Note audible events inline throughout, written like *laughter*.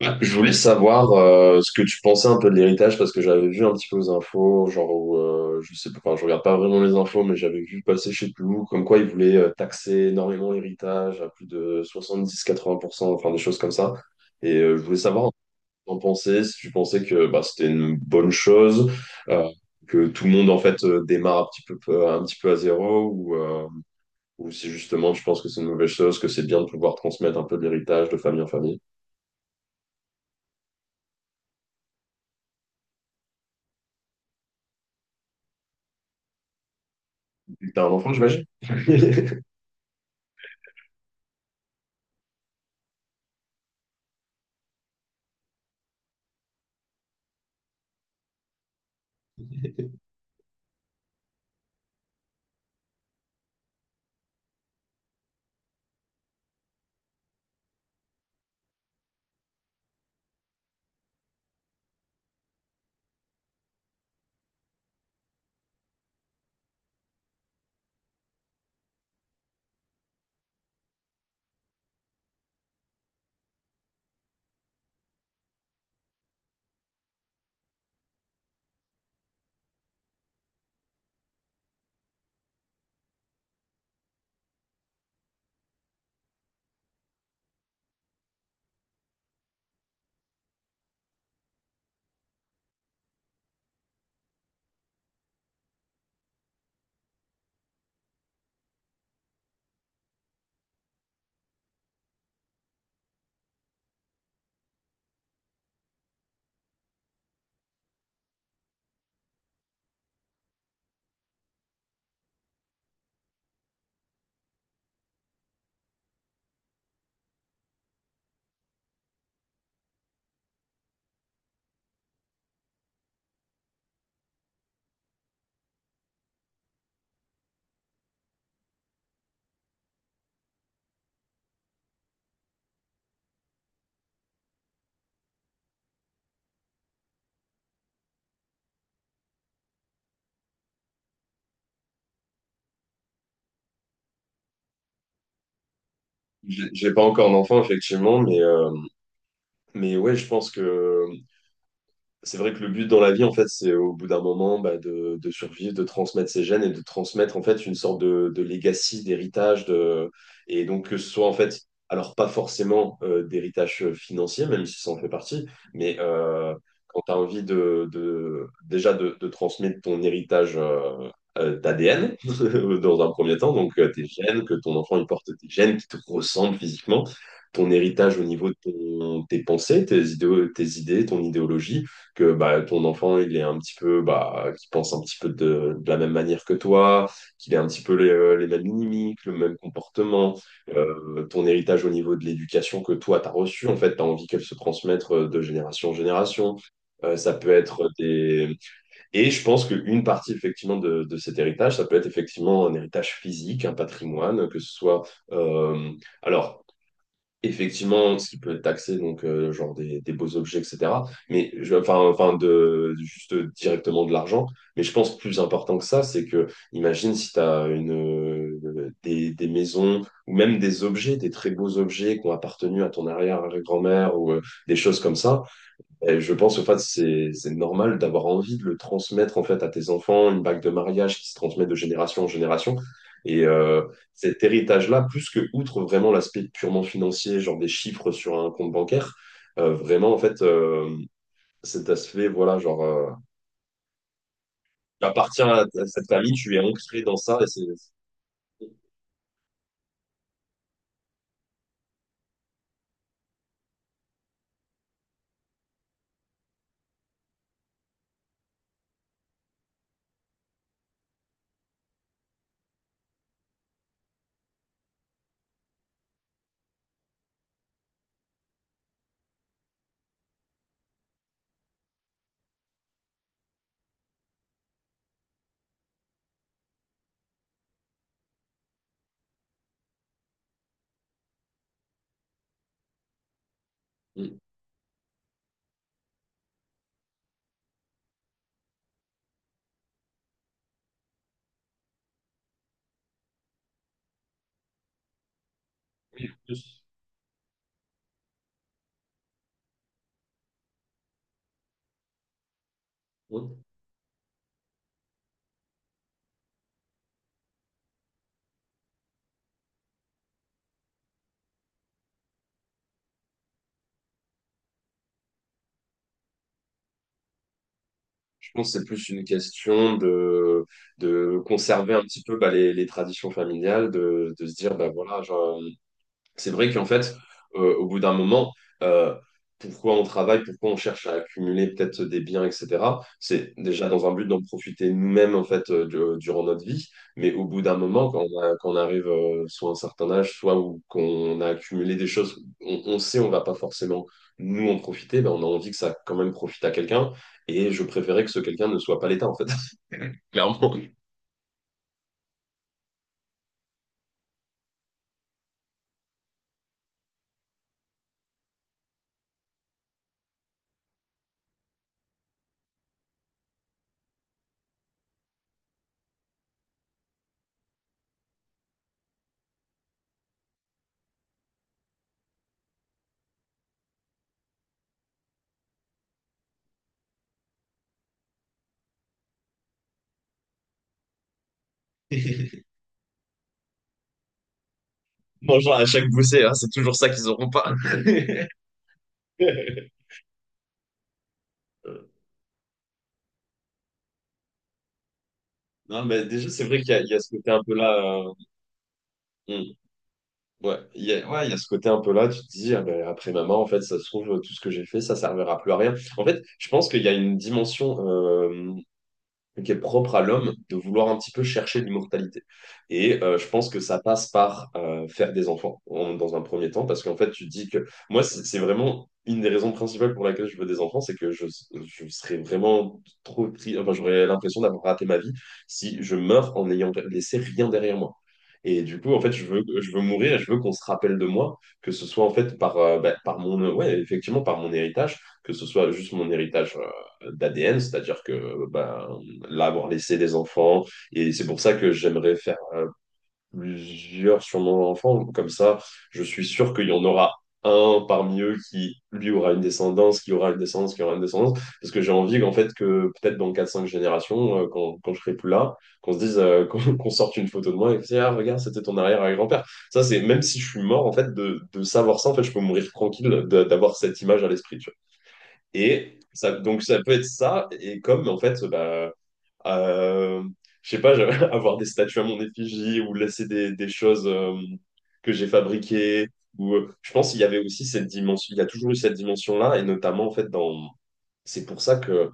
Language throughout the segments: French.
Ouais, je voulais savoir ce que tu pensais un peu de l'héritage parce que j'avais vu un petit peu aux infos, genre où, je sais pas, enfin, je regarde pas vraiment les infos, mais j'avais vu passer je sais plus où, comme quoi ils voulaient taxer énormément l'héritage à plus de 70-80%, enfin des choses comme ça. Et je voulais savoir ce que t'en pensais, si tu pensais que bah, c'était une bonne chose, euh, que tout le monde en fait démarre un petit peu, un petit peu à zéro, ou si justement tu penses que c'est une mauvaise chose, que c'est bien de pouvoir transmettre un peu de l'héritage de famille en famille. T'as un enfant, j'imagine? *laughs* J'ai pas encore d'enfant, effectivement, mais ouais, je pense que c'est vrai que le but dans la vie, en fait, c'est au bout d'un moment bah, de survivre, de transmettre ses gènes et de transmettre en fait une sorte de legacy, d'héritage. Et donc que ce soit en fait, alors pas forcément d'héritage financier, même si ça en fait partie, mais quand tu as envie de déjà de transmettre ton héritage d'ADN *laughs* dans un premier temps, donc tes gènes, que ton enfant il porte tes gènes qui te ressemblent physiquement, ton héritage au niveau de tes pensées, tes idées, ton idéologie que bah, ton enfant, il est un petit peu, bah, qu'il pense un petit peu de la même manière que toi, qu'il ait un petit peu les mêmes mimiques, le même comportement, ton héritage au niveau de l'éducation que toi, tu as reçu, en fait, tu as envie qu'elle se transmette de génération en génération. Ça peut être des... Et je pense qu'une partie, effectivement, de cet héritage, ça peut être effectivement un héritage physique, un patrimoine, que ce soit... euh, Alors, Effectivement, ce qui peut être taxé, donc genre des beaux objets, etc. Mais enfin, juste directement de l'argent. Mais je pense plus important que ça, c'est que imagine si tu as des maisons ou même des objets, des très beaux objets qui ont appartenu à ton arrière-grand-mère ou des choses comme ça. Et je pense en fait c'est normal d'avoir envie de le transmettre en fait à tes enfants, une bague de mariage qui se transmet de génération en génération. Et euh, Cet héritage-là, plus que outre vraiment l'aspect purement financier, genre des chiffres sur un compte bancaire, vraiment en fait cet aspect voilà genre tu appartiens à cette famille, tu es ancré dans ça et c'est. Mm. Oui, plus. Oui. Je pense que c'est plus une question de conserver un petit peu bah, les traditions familiales, de se dire, bah, voilà, genre. C'est vrai qu'en fait, au bout d'un moment, euh, pourquoi on travaille, pourquoi on cherche à accumuler peut-être des biens, etc. C'est déjà dans un but d'en profiter nous-mêmes, en fait, durant notre vie. Mais au bout d'un moment, quand on arrive soit à un certain âge, soit où qu'on a accumulé des choses, on sait on va pas forcément nous en profiter, ben on a envie que ça quand même profite à quelqu'un. Et je préférais que ce quelqu'un ne soit pas l'État, en fait, *laughs* clairement. *laughs* Bonjour à chaque boussée, hein, c'est toujours ça qu'ils auront pas. *laughs* Non, mais déjà, c'est vrai qu'il y a ce côté un peu là. Hmm, ouais, ouais, il y a ce côté un peu là. Tu te dis, ah ben, après maman, en fait, ça se trouve, tout ce que j'ai fait, ça servira plus à rien. En fait, je pense qu'il y a une dimension qui est propre à l'homme de vouloir un petit peu chercher l'immortalité. Et je pense que ça passe par faire des enfants dans un premier temps, parce qu'en fait, tu te dis que moi, c'est vraiment une des raisons principales pour laquelle je veux des enfants, c'est que je serais vraiment trop triste, enfin, j'aurais l'impression d'avoir raté ma vie si je meurs en n'ayant laissé rien derrière moi. Et du coup, en fait, je veux mourir et je veux qu'on se rappelle de moi, que ce soit en fait par, bah, par mon, ouais, effectivement, par mon héritage, que ce soit juste mon héritage d'ADN, c'est-à-dire que bah, l'avoir laissé des enfants. Et c'est pour ça que j'aimerais faire plusieurs sur mon enfant. Comme ça, je suis sûr qu'il y en aura un parmi eux qui, lui, aura une descendance, qui aura une descendance, qui aura une descendance. Parce que j'ai envie qu'en fait, que peut-être dans quatre cinq générations, quand je serai plus là, qu'on se dise, *laughs* qu'on sorte une photo de moi et que c'est, ah, regarde, c'était ton arrière-grand-père. Ça, c'est, même si je suis mort, en fait, de savoir ça, en fait, je peux mourir tranquille d'avoir cette image à l'esprit, tu vois. Et ça, donc, ça peut être ça. Et comme, en fait, bah, euh, je sais pas, *laughs* avoir des statues à mon effigie ou laisser des choses que j'ai fabriquées. Je pense qu'il y avait aussi cette dimension, il y a toujours eu cette dimension-là, et notamment, en fait, dans... C'est pour ça que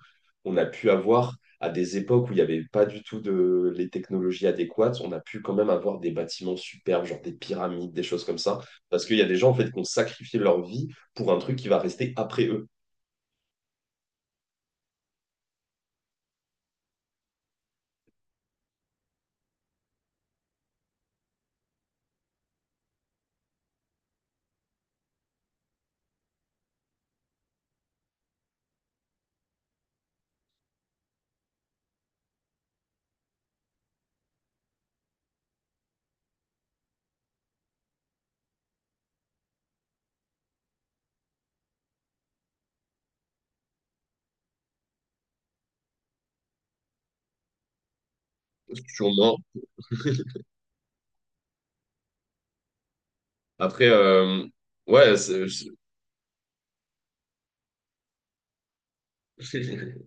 on a pu avoir, à des époques où il n'y avait pas du tout de... les technologies adéquates, on a pu quand même avoir des bâtiments superbes, genre des pyramides, des choses comme ça, parce qu'il y a des gens, en fait, qui ont sacrifié leur vie pour un truc qui va rester après eux. Sûrement. Après, ouais, c'est- *laughs*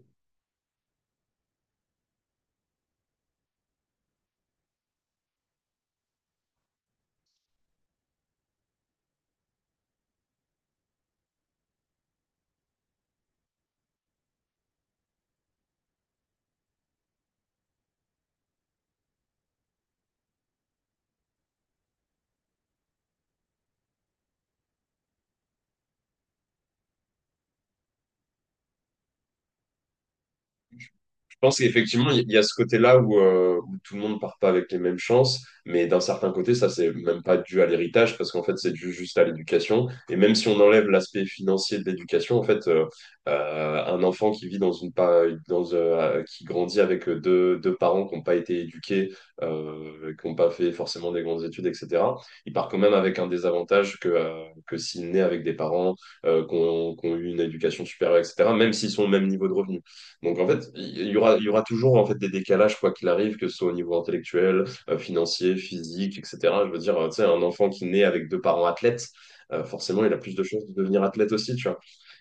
Je pense qu'effectivement, il y a ce côté-là où tout le monde part pas avec les mêmes chances, mais d'un certain côté, ça, c'est même pas dû à l'héritage, parce qu'en fait, c'est dû juste à l'éducation. Et même si on enlève l'aspect financier de l'éducation, en fait, un enfant qui vit dans une pa- dans, qui grandit avec deux parents qui n'ont pas été éduqués, qui n'ont pas fait forcément des grandes études, etc., il part quand même avec un désavantage que s'il naît avec des parents qui ont eu une éducation supérieure, etc., même s'ils sont au même niveau de revenu. Donc en fait, il y aura toujours en fait des décalages quoi qu'il arrive, que ce soit au niveau intellectuel, financier, physique, etc. Je veux dire, tu sais, un enfant qui naît avec deux parents athlètes, forcément, il a plus de chances de devenir athlète aussi, tu vois.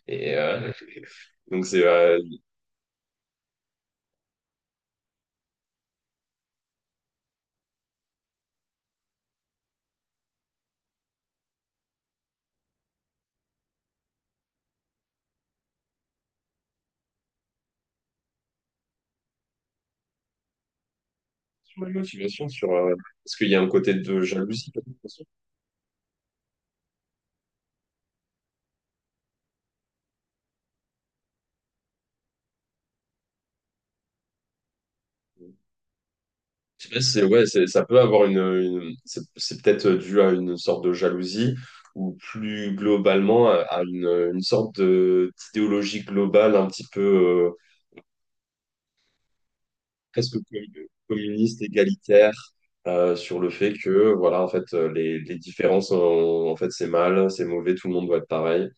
Et *laughs* donc c'est sur la motivation sur est-ce qu'il y a un côté de jalousie peut-être aussi. Je sais pas si c'est ouais, c'est ça peut avoir c'est peut-être dû à une sorte de jalousie ou plus globalement à une sorte de d'idéologie globale un petit peu presque communiste, égalitaire, sur le fait que, voilà, en fait, les différences, en fait, c'est mal, c'est mauvais, tout le monde doit être pareil,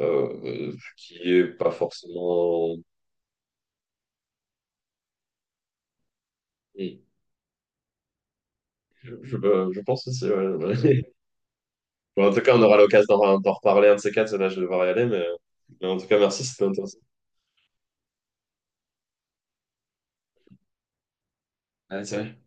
ce qui est pas forcément. hmm, Je, je- je pense aussi, ouais, ouais. *laughs* Bon, en tout cas, on aura l'occasion d'en reparler un de ces quatre, là, je vais devoir y aller, mais en tout cas, merci, c'était intéressant. Allez, salut.